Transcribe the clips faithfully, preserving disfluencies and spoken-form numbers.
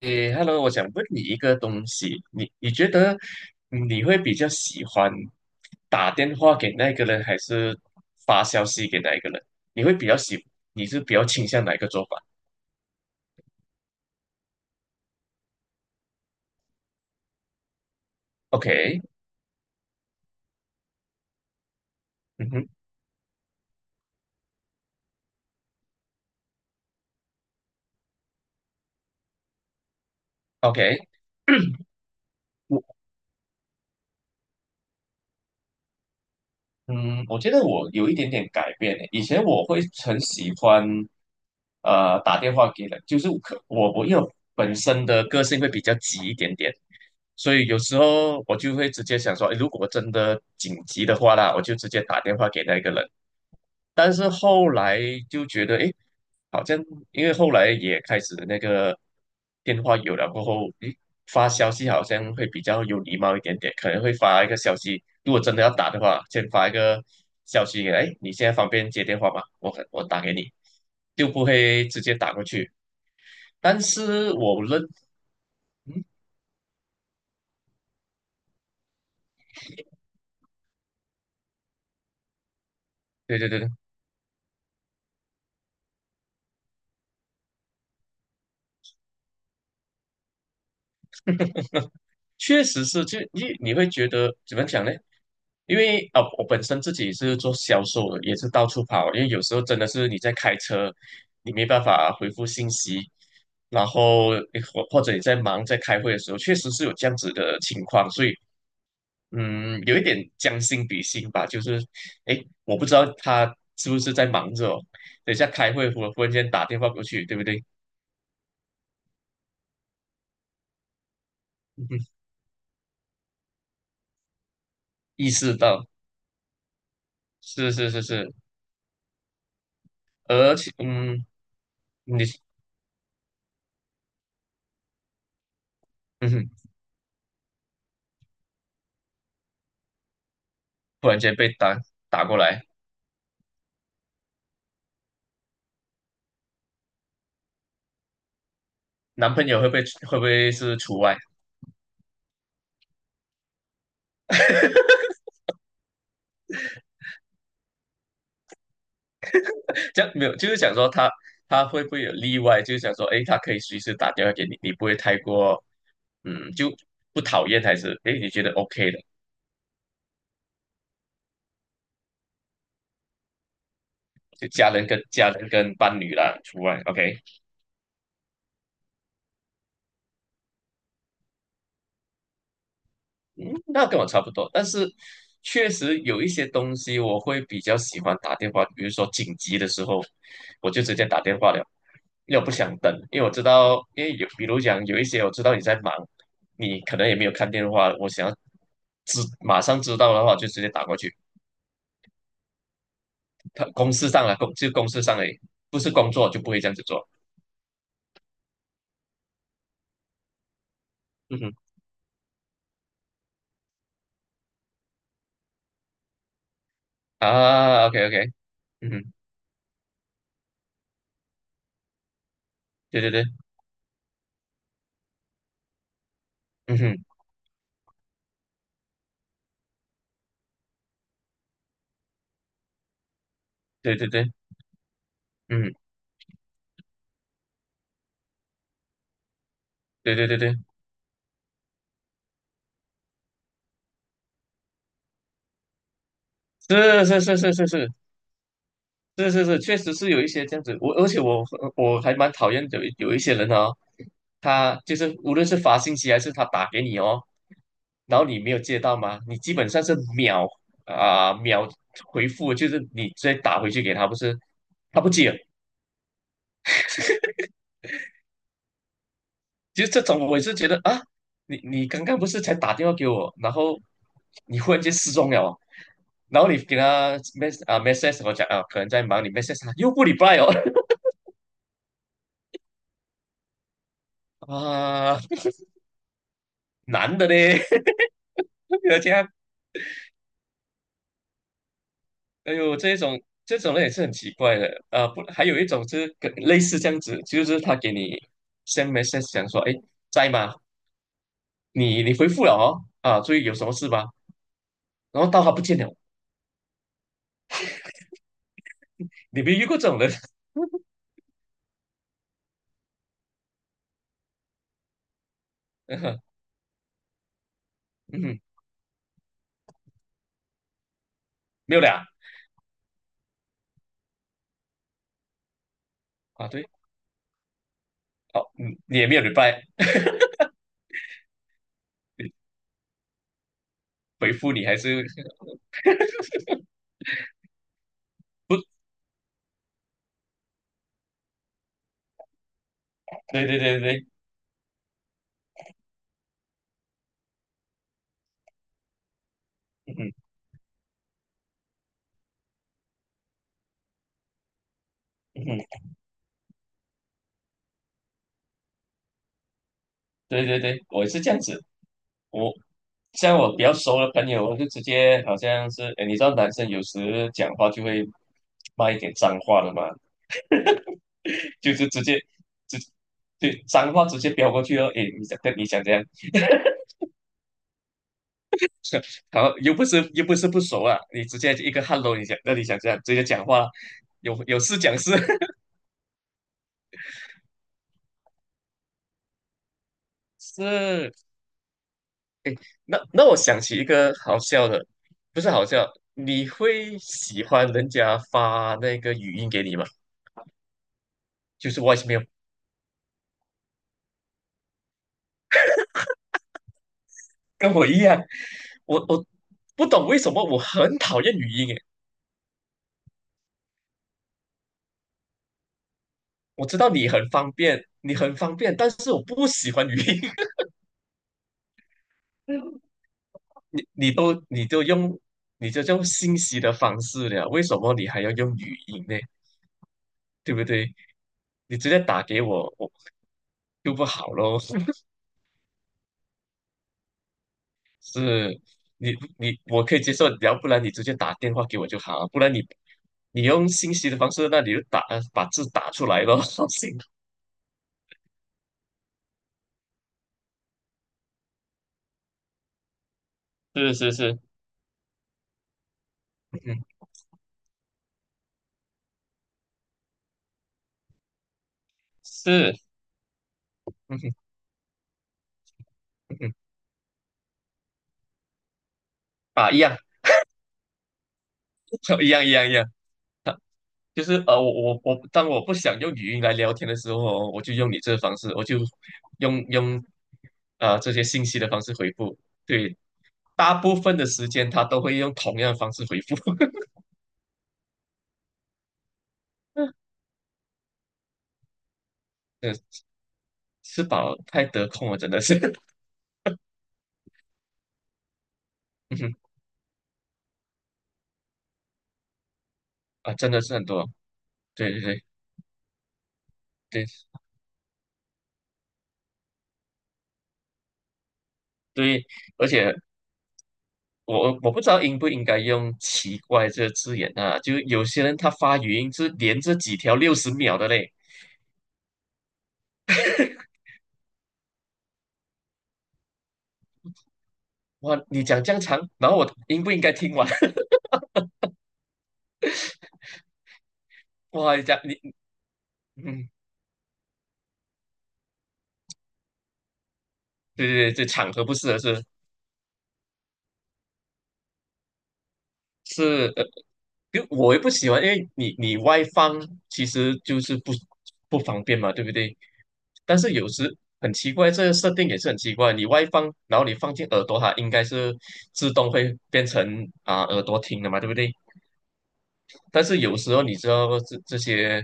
诶，Hello，我想问你一个东西，你你觉得你会比较喜欢打电话给那个人，还是发消息给那一个人？你会比较喜，你是比较倾向哪一个做法？OK，嗯哼，OK，嗯，我觉得我有一点点改变诶。以前我会很喜欢，呃，打电话给人，就是可我我因为我本身的个性会比较急一点点，所以有时候我就会直接想说，诶如果真的紧急的话啦，我就直接打电话给那个人。但是后来就觉得，诶，好像因为后来也开始那个电话有了过后，诶，发消息好像会比较有礼貌一点点，可能会发一个消息，如果真的要打的话，先发一个消息给他诶，你现在方便接电话吗？我可我打给你，就不会直接打过去。但是我认，嗯，对对对，确实是，就你你会觉得怎么讲呢？因为啊、呃我本身自己是做销售的，也是到处跑。因为有时候真的是你在开车，你没办法回复信息，然后你或或者你在忙在开会的时候，确实是有这样子的情况。所以，嗯，有一点将心比心吧，就是，诶，我不知道他是不是在忙着哦等一下开会，我忽然间打电话过去，对不对？意识到，是是是是，而且，嗯，你。嗯哼，突然间被打打过来，男朋友会不会会不会是除外？这样没有，就是想说他他会不会有例外？就是想说，诶，他可以随时打电话给你，你不会太过，嗯，就不讨厌还是哎诶，你觉得 OK 的？就家人跟家人跟伴侣啦除外，OK。嗯，那跟我差不多，但是确实有一些东西我会比较喜欢打电话，比如说紧急的时候，我就直接打电话了，又不想等，因为我知道，因为有，比如讲有一些我知道你在忙，你可能也没有看电话，我想要知马上知道的话，就直接打过去。他公事上了，公就公事上而已不是工作就不会这样子做。嗯哼，啊，OK OK，嗯哼，对对对，嗯哼，对对对，嗯，对对对对，是是是是是是，是是是，确实是有一些这样子。我而且我呃我还蛮讨厌有一有一些人啊哦，他就是无论是发信息还是他打给你哦，然后你没有接到吗？你基本上是秒啊、秒回复，就是你直接打回去给他，不是他不接。就这种我也是觉得啊，你你刚刚不是才打电话给我，然后你忽然间失踪了哦然后你给他 mess 啊 message 我讲啊，可能在忙，你 message 他又不 r e 哦，啊，男的嘞，而且还哎呦，这一种这种人也是很奇怪的啊、不，还有一种就是跟类似这样子，就是他给你 send message 讲说，哎，在吗？你你回复了哦，啊，注意有什么事吗？然后到他不见了，你没遇过这种人？嗯，没有了啊，啊对，好、嗯，你也没有礼拜回复你，还是不，对对对对，嗯哼嗯对对对，我也是这样子，我像我比较熟的朋友，我就直接好像是，哎，你知道男生有时讲话就会骂一点脏话的嘛。就是直接直对脏话直接飙过去哦。诶，你想跟你想这样，然后又不是又不是不熟啊，你直接一个 hello，你想那你想这样直接讲话，有有事讲事 是。那那我想起一个好笑的，不是好笑，你会喜欢人家发那个语音给你吗？就是 v o i c 跟我一样，我我不懂为什么我很讨厌语音诶。我知道你很方便，你很方便，但是我不喜欢语音。你你都你都用你就用信息的方式了，为什么你还要用语音呢？对不对？你直接打给我，我就不好咯。是，你你我可以接受，要不然你直接打电话给我就好，不然你你用信息的方式，那你就打把字打出来咯。行，是是是，嗯，是，嗯哼嗯哼啊，一样，一样一样一样，就是呃，我我我，当我不想用语音来聊天的时候哦我就用你这个方式，我就用用啊这些信息的方式回复。对，大部分的时间他都会用同样的方式回复。嗯，吃饱太得空了，真的是，嗯哼啊，真的是很多。对对对对对，而且我我不知道应不应该用"奇怪"这个字眼啊，就有些人他发语音是连着几条六十秒的嘞。哇，你讲这样长，然后我应不应该听完？哇，你讲你，嗯，对对对，这场合不适合是是呃，因为我也不喜欢，因为你你外放其实就是不不方便嘛，对不对？但是有时很奇怪，这个设定也是很奇怪，你外放，然后你放进耳朵，它应该是自动会变成啊、耳朵听的嘛，对不对？但是有时候你知道这这些，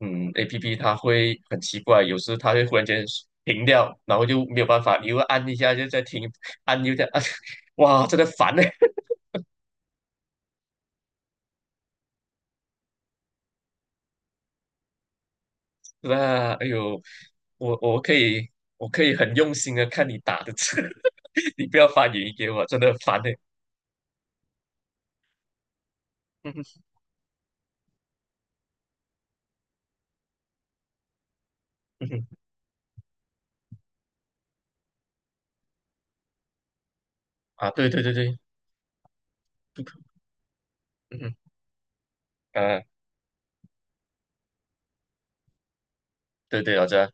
嗯，A P P 它会很奇怪，有时它会忽然间停掉，然后就没有办法，你又按一下就在停，按又再按，哇，真的烦呢、那哎呦，我我可以我可以很用心的看你打的字，你不要发语音给我，真的很烦呢、嗯哼 嗯哼啊，对对对对，不可，嗯哼啊，对对，我知道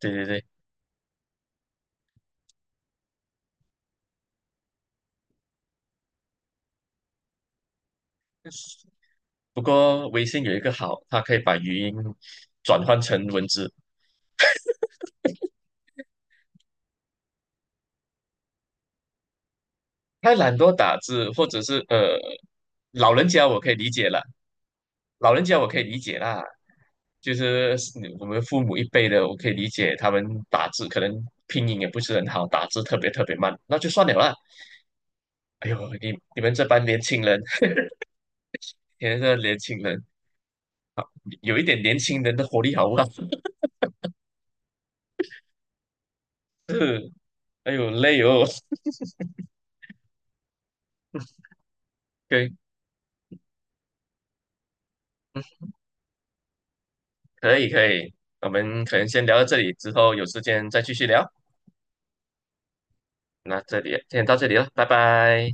对对对。不过微信有一个好，它可以把语音转换成文字，太懒惰打字，或者是呃，老人家我可以理解了，老人家我可以理解啦，就是你我们父母一辈的，我可以理解他们打字可能拼音也不是很好，打字特别特别慢，那就算了啦。哎呦，你你们这帮年轻人，你们这年轻人有一点年轻人的活力好不好？是，哎呦累哦。对，嗯可以可以，我们可能先聊到这里，之后有时间再继续聊。那这里先到这里了，拜拜。